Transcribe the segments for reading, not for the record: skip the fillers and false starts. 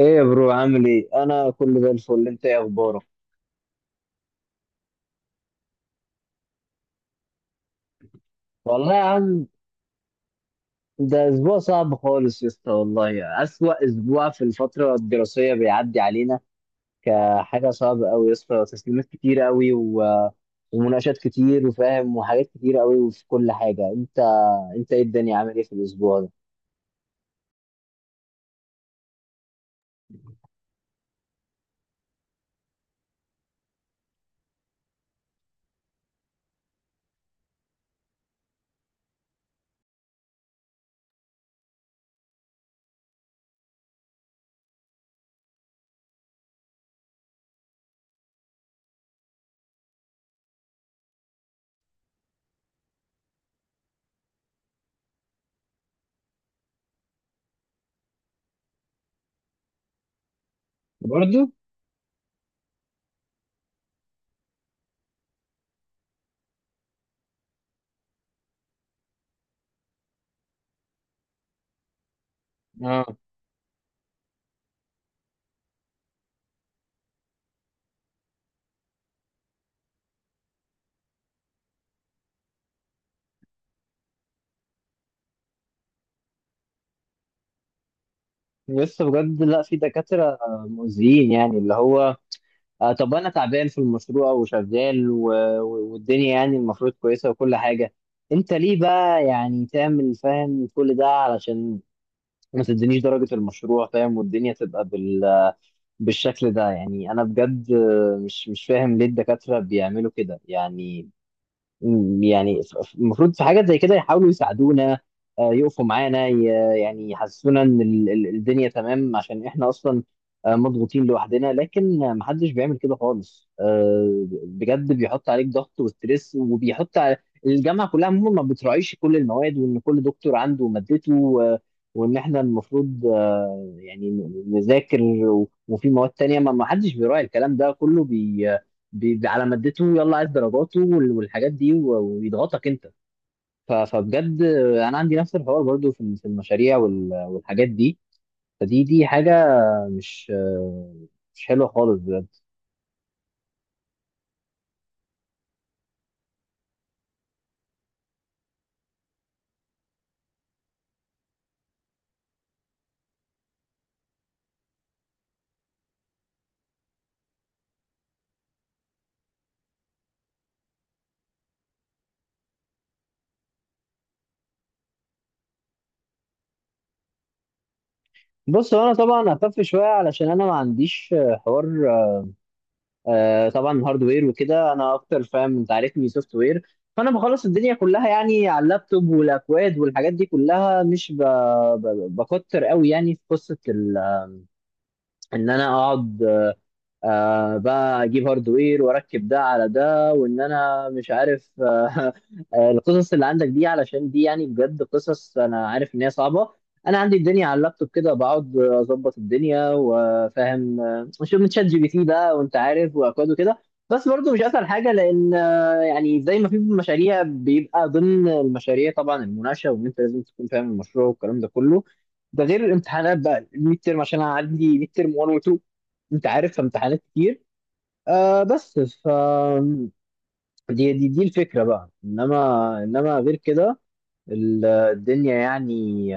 يا برو عامل ايه؟ انا كله زي الفل، انت ايه اخبارك؟ والله يا عم ده اسبوع صعب خالص يا اسطى، والله اسوأ اسبوع في الفتره الدراسيه بيعدي علينا، كحاجه صعبه قوي يا اسطى. تسليمات كتير قوي و... ومناقشات كتير وفاهم، وحاجات كتير قوي في كل حاجه. انت ايه الدنيا؟ عامل ايه في الاسبوع ده؟ برضو. اه لسه بجد، لا في دكاتره مؤذيين يعني، اللي هو آه طب انا تعبان في المشروع وشغال والدنيا يعني المفروض كويسه وكل حاجه، انت ليه بقى يعني تعمل فاهم كل ده علشان ما تدينيش درجه المشروع، فاهم؟ والدنيا تبقى بالشكل ده. يعني انا بجد مش فاهم ليه الدكاتره بيعملوا كده يعني. المفروض في حاجات زي كده يحاولوا يساعدونا، يقفوا معانا يعني يحسسونا ان الدنيا تمام، عشان احنا اصلا مضغوطين لوحدنا، لكن محدش بيعمل كده خالص بجد، بيحط عليك ضغط وستريس، وبيحط على الجامعه كلها عموما. ما بتراعيش كل المواد، وان كل دكتور عنده مادته وان احنا المفروض يعني نذاكر، وفي مواد تانية ما حدش بيراعي الكلام ده كله على مادته، يلا عايز درجاته والحاجات دي، ويضغطك انت. فبجد انا عندي نفس الحوار برضو في المشاريع والحاجات دي. فدي حاجه مش حلوه خالص بجد. بص هو انا طبعا هخف شويه علشان انا ما عنديش حوار، طبعا هاردوير وكده انا اكتر، فاهم؟ انت عارفني سوفت وير، فانا بخلص الدنيا كلها يعني على اللابتوب والاكواد والحاجات دي كلها، مش بكتر قوي يعني في قصه ان انا اقعد آه بقى اجيب هاردوير واركب ده على ده، وان انا مش عارف آه القصص اللي عندك دي، علشان دي يعني بجد قصص انا عارف ان هي صعبه. انا عندي الدنيا على اللابتوب كده، بقعد اظبط الدنيا وفاهم، شوف من شات جي بي تي بقى، وانت عارف، واكواد وكده. بس برضه مش اسهل حاجه، لان يعني زي ما في مشاريع بيبقى ضمن المشاريع طبعا المناقشه، وان انت لازم تكون فاهم المشروع والكلام ده كله. ده غير الامتحانات بقى، الميد ترم، عشان انا عندي ميد ترم 1 و 2، انت عارف، امتحانات كتير. آه بس ف دي الفكره بقى، انما انما غير كده الدنيا يعني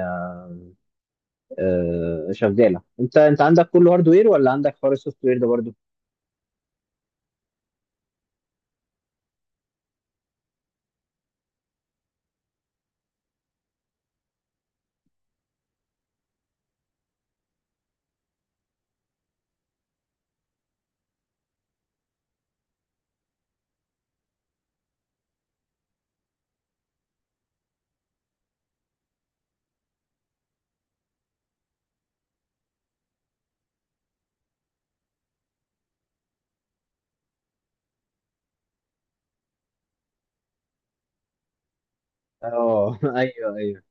آه شغاله. انت عندك كله هاردوير، ولا عندك حوار السوفت وير ده برضو؟ اه ايوه ايوه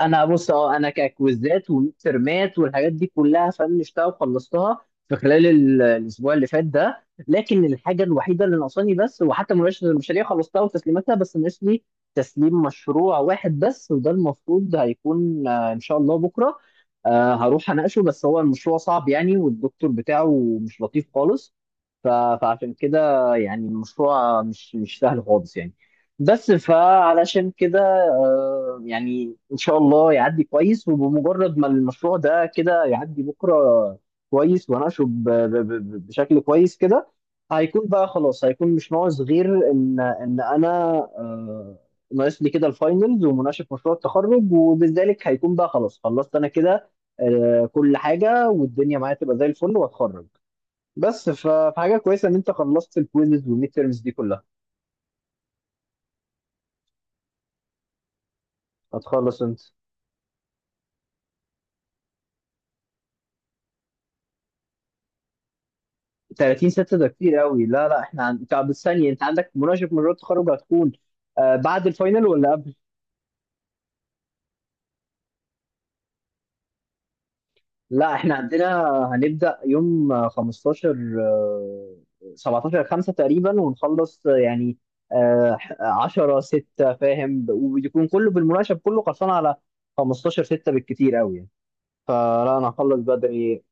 انا بص اه انا ككويزات وميدترمات والحاجات دي كلها فنشتها وخلصتها في خلال ال- الاسبوع اللي فات ده، لكن الحاجه الوحيده اللي ناقصاني، بس وحتى مناقشه المشاريع خلصتها وتسليماتها، بس ناقص لي تسليم مشروع واحد بس، وده المفروض هيكون ان شاء الله بكره. هروح اناقشه، بس هو المشروع صعب يعني والدكتور بتاعه مش لطيف خالص، ف- فعشان كده يعني المشروع مش سهل خالص يعني. بس فعلشان كده يعني ان شاء الله يعدي كويس، وبمجرد ما المشروع ده كده يعدي بكره كويس واناقشه بشكل كويس كده، هيكون بقى خلاص، هيكون مش ناقص غير ان انا آه، ناقص لي كده الفاينلز ومناقشه مشروع التخرج، وبذلك هيكون بقى خلاص خلصت انا كده كل حاجه، والدنيا معايا تبقى زي الفل واتخرج. بس فحاجه كويسه ان انت خلصت الكويزز والميد تيرمز دي كلها. هتخلص انت 30/6؟ ده كتير قوي، لا لا احنا عن... طب الثانيه، انت عندك مناقشه مشروع التخرج هتكون بعد الفاينل ولا قبل؟ لا احنا عندنا هنبدا يوم 15، 17/5 تقريبا، ونخلص يعني 10/6، فاهم؟ ويكون كله بالمناقشه، كله خلصان على 15/6 بالكتير قوي يعني. فلا انا هخلص بدري،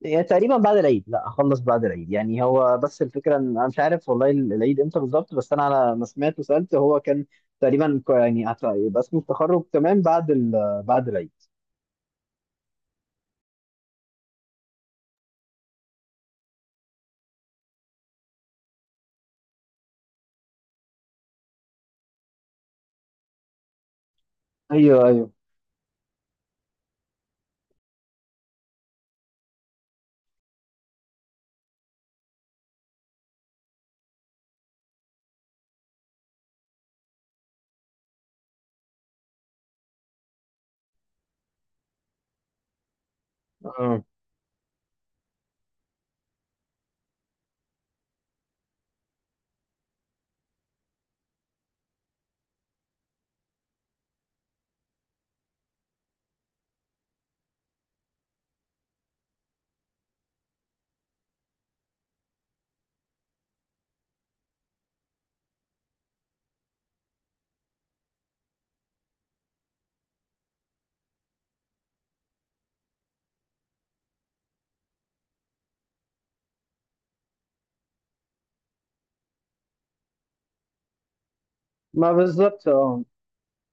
يعني تقريبا بعد العيد. لا اخلص بعد العيد، يعني هو بس الفكره ان انا مش عارف والله العيد امتى بالظبط، بس انا على ما سمعت وسالت هو كان تقريبا يعني يبقى اسمه التخرج تمام بعد بعد العيد. ايوه ايوه آه. ما بالظبط اه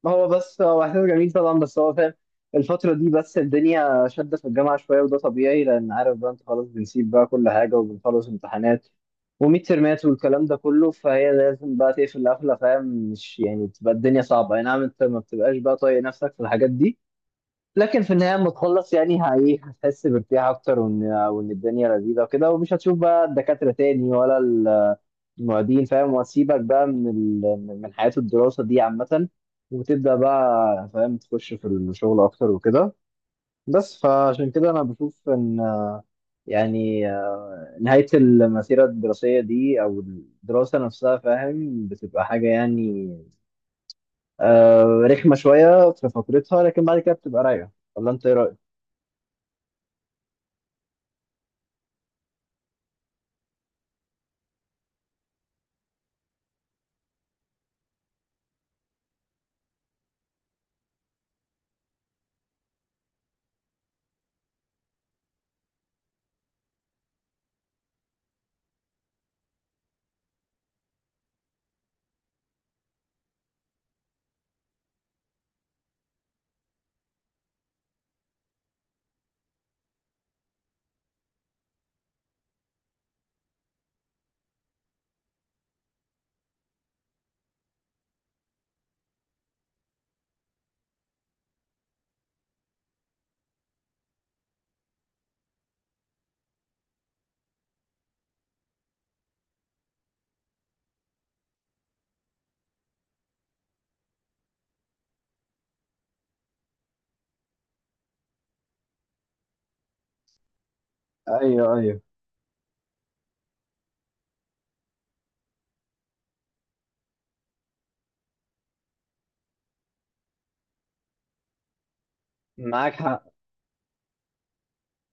ما هو بس هو احساس جميل طبعا بس هو فاهم الفترة دي بس الدنيا شدة في الجامعة شوية وده طبيعي لأن عارف بقى أنت خلاص بنسيب بقى كل حاجة وبنخلص امتحانات وميد ترمات والكلام ده كله فهي لازم بقى تقفل قفلة فاهم مش يعني بتبقى الدنيا صعبة أي نعم أنت ما بتبقاش بقى طايق نفسك في الحاجات دي لكن في النهاية لما تخلص يعني هي- هتحس بارتياح أكتر، وإن الدنيا لذيذة وكده، ومش هتشوف بقى الدكاترة تاني ولا معيدين، فاهم؟ واسيبك بقى من من حياة الدراسة دي عامة، وتبدأ بقى فاهم تخش في الشغل أكتر وكده. بس فعشان كده أنا بشوف إن يعني نهاية المسيرة الدراسية دي أو الدراسة نفسها، فاهم، بتبقى حاجة يعني رخمة شوية في فترتها، لكن بعد كده بتبقى رايقة. ولا أنت إيه رأيك؟ أيوه أيوه معاك حق.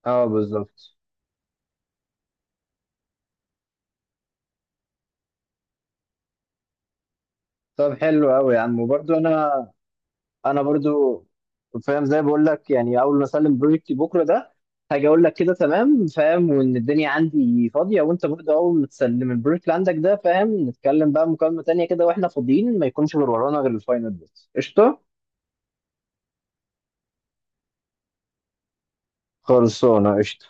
أه بالظبط. طب حلو أوي يا عم. وبرضه أنا، انا برضو فاهم زي ما بقول لك، يعني اول ما اسلم بروجكتي بكره ده هاجي اقول لك كده تمام، فاهم، وان الدنيا عندي فاضيه، وانت برضو اول ما تسلم البروجكت اللي عندك ده، فاهم، نتكلم بقى مكالمه تانيه كده واحنا فاضيين، ما يكونش غير ورانا غير الفاينل بس، قشطه؟ خلصانه قشطه.